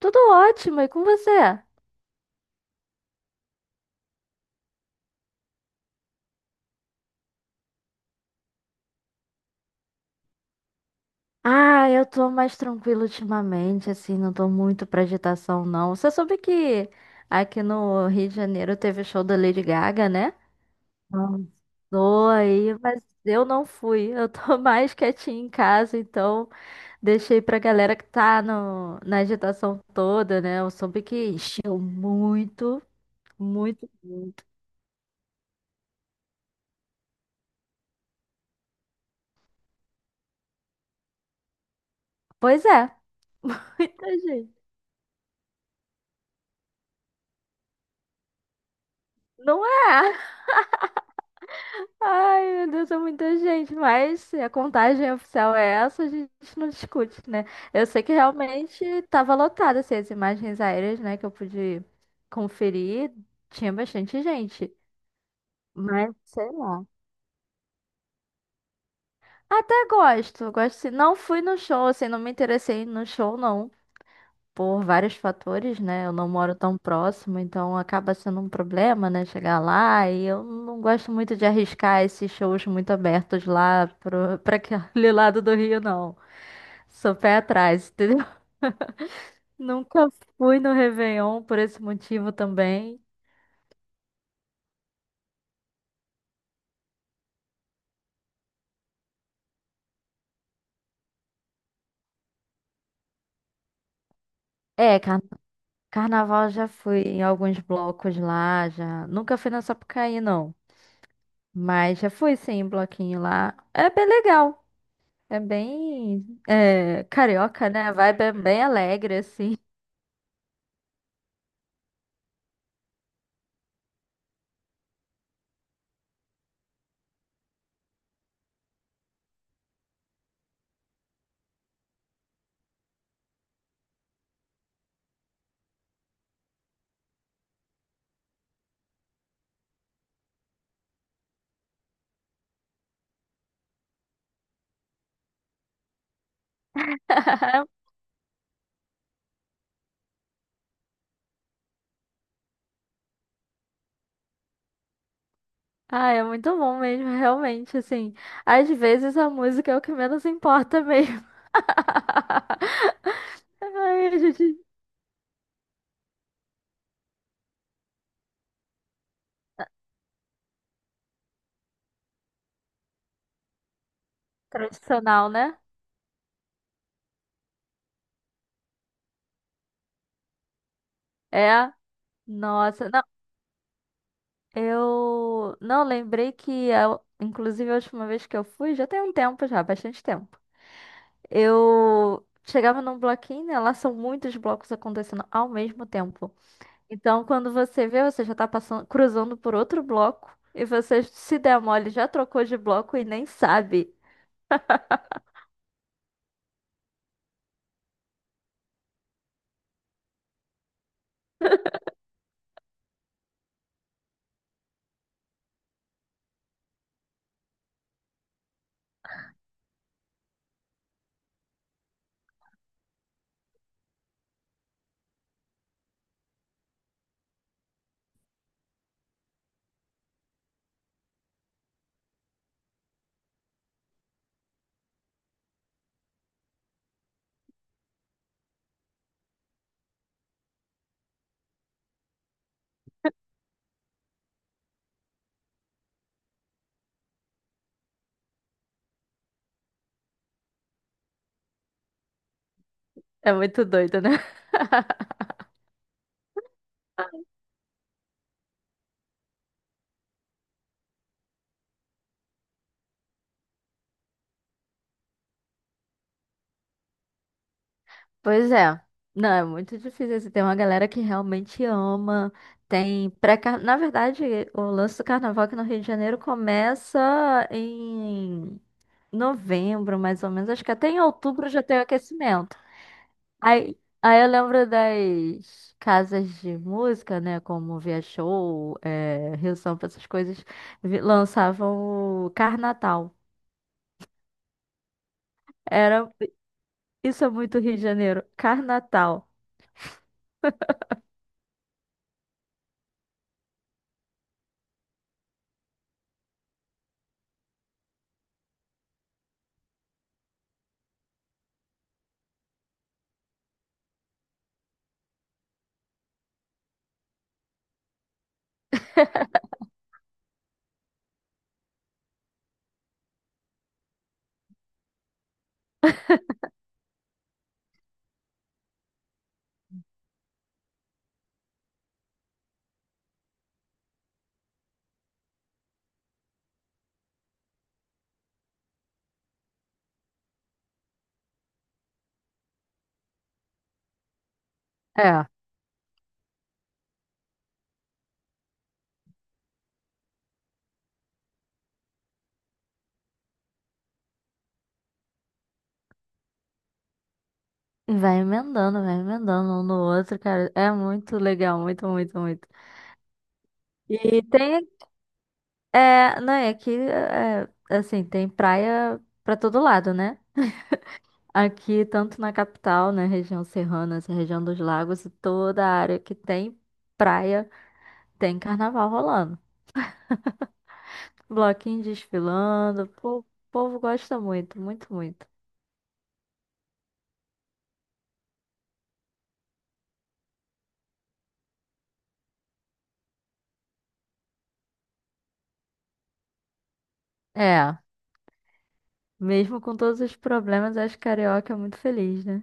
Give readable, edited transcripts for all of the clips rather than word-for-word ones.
Tudo ótimo, e com você? Ah, eu tô mais tranquila ultimamente, assim, não tô muito pra agitação, não. Você soube que aqui no Rio de Janeiro teve o show da Lady Gaga, né? Não. Tô aí, mas eu não fui. Eu tô mais quietinha em casa, então deixei pra galera que tá no, na agitação toda, né? Eu soube que encheu muito, muito, muito. Pois é, muita gente. Não é? Ai, meu Deus, é muita gente, mas se a contagem oficial é essa, a gente não discute, né? Eu sei que realmente estava lotada, assim, as imagens aéreas, né, que eu pude conferir, tinha bastante gente, mas sei lá. Até gosto, gosto, assim, não fui no show, assim, não me interessei no show, não, por vários fatores, né? Eu não moro tão próximo, então acaba sendo um problema, né? Chegar lá, e eu não gosto muito de arriscar esses shows muito abertos lá pra aquele lado do Rio, não. Sou pé atrás, entendeu? Nunca fui no Réveillon por esse motivo também. É, carnaval já fui em alguns blocos lá, já. Nunca fui na Sapucaí, não. Mas já fui sim, em bloquinho lá. É bem legal. É bem carioca, né? A vibe é bem alegre, assim. Ah, é muito bom mesmo, realmente, assim. Às vezes a música é o que menos importa mesmo. Ai, a gente... Tradicional, né? É. Nossa, não, eu não lembrei que, inclusive, a última vez que eu fui, já tem um tempo já, bastante tempo. Eu chegava num bloquinho, né? Lá são muitos blocos acontecendo ao mesmo tempo. Então, quando você vê, você já tá passando, cruzando por outro bloco, e você se der mole, já trocou de bloco e nem sabe. É muito doido, né? Pois é. Não, é muito difícil, assim. Tem uma galera que realmente ama. Tem pré -car... Na verdade, o lance do carnaval aqui no Rio de Janeiro começa em novembro, mais ou menos. Acho que até em outubro já tem o aquecimento. Aí eu lembro das casas de música, né? Como Via Show, é, Rio Sampa, essas coisas, lançavam o Carnatal. Era, isso é muito Rio de Janeiro, Carnatal. É. Vai emendando um no outro, cara. É muito legal, muito, muito, muito. E tem, é, não, é que, é, assim, tem praia pra todo lado, né? Aqui, tanto na capital, na região serrana, essa região dos lagos, e toda a área que tem praia, tem carnaval rolando. Bloquinho desfilando, pô, o povo gosta muito, muito, muito. É, mesmo com todos os problemas, acho que carioca é muito feliz, né?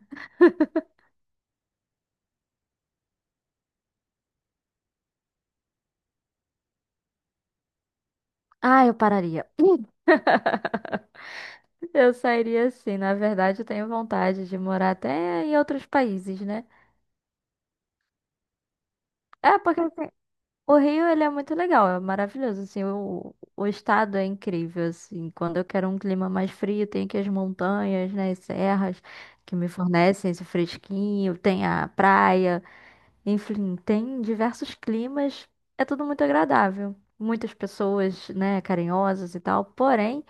Ah, eu pararia. Eu sairia sim, na verdade, eu tenho vontade de morar até em outros países, né? É, porque assim, o Rio, ele é muito legal, é maravilhoso, assim, o estado é incrível, assim, quando eu quero um clima mais frio, tem aqui as montanhas, né, as serras que me fornecem esse fresquinho, tem a praia, enfim, tem diversos climas, é tudo muito agradável. Muitas pessoas, né, carinhosas e tal, porém,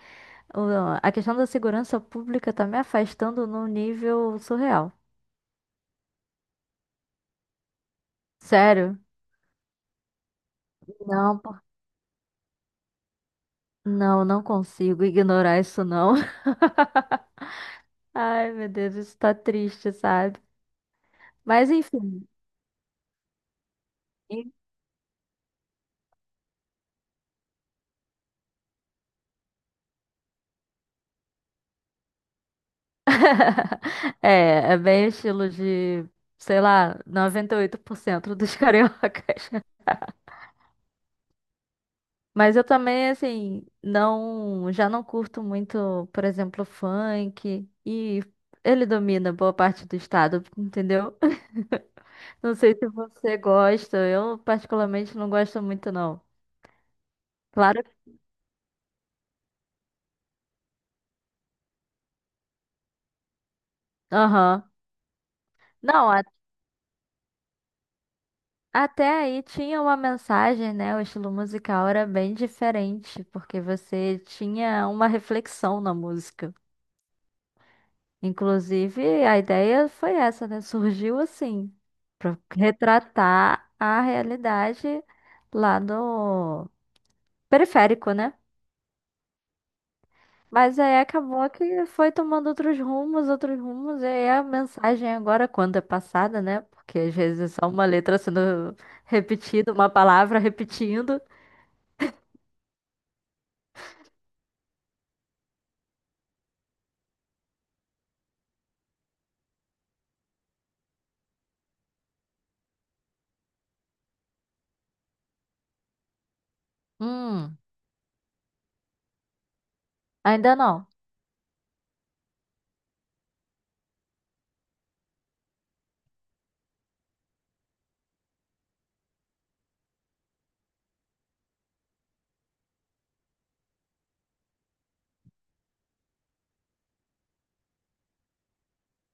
a questão da segurança pública tá me afastando num nível surreal. Sério? Não, pô, não, não consigo ignorar isso, não. Ai, meu Deus, isso tá triste, sabe? Mas enfim, é, é bem estilo de, sei lá, 98% dos cariocas. Mas eu também, assim, não, já não curto muito, por exemplo, funk. E ele domina boa parte do estado, entendeu? Não sei se você gosta, eu particularmente não gosto muito, não. Claro. Aham. Não, até aí tinha uma mensagem, né? O estilo musical era bem diferente, porque você tinha uma reflexão na música. Inclusive, a ideia foi essa, né? Surgiu assim, para retratar a realidade lá do periférico, né? Mas aí acabou que foi tomando outros rumos, e aí a mensagem agora, quando é passada, né? Porque às vezes é só uma letra sendo repetida, uma palavra repetindo. Hum. Ainda não.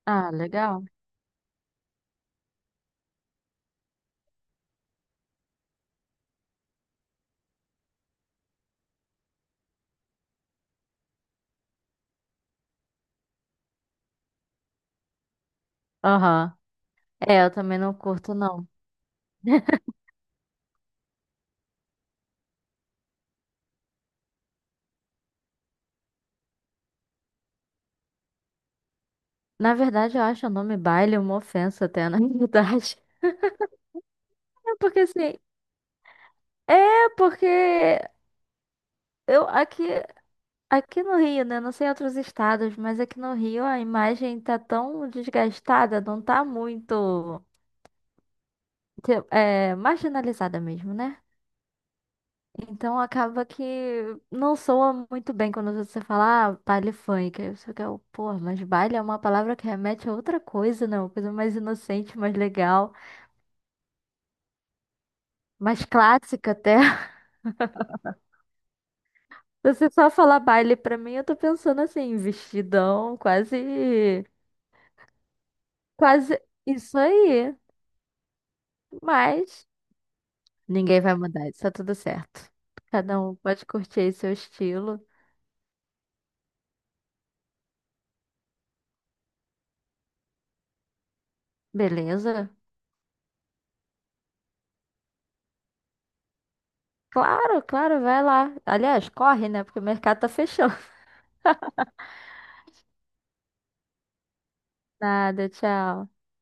Ah, legal. Aham. É, eu também não curto, não. Na verdade, eu acho o nome baile uma ofensa até, na verdade. É porque assim, é porque eu aqui, aqui no Rio, né? Não sei em outros estados, mas aqui no Rio a imagem tá tão desgastada, não tá muito, tipo, é, marginalizada mesmo, né? Então acaba que não soa muito bem quando você fala, ah, baile funk. Aí você fica, pô, mas baile é uma palavra que remete a outra coisa, não? Uma coisa mais inocente, mais legal, mais clássica até. Você só falar baile pra mim, eu tô pensando assim, vestidão, quase, quase isso aí. Mas ninguém vai mudar, isso tá tudo certo. Cada um pode curtir aí seu estilo, beleza? Claro, claro, vai lá. Aliás, corre, né? Porque o mercado tá fechando. Nada, tchau.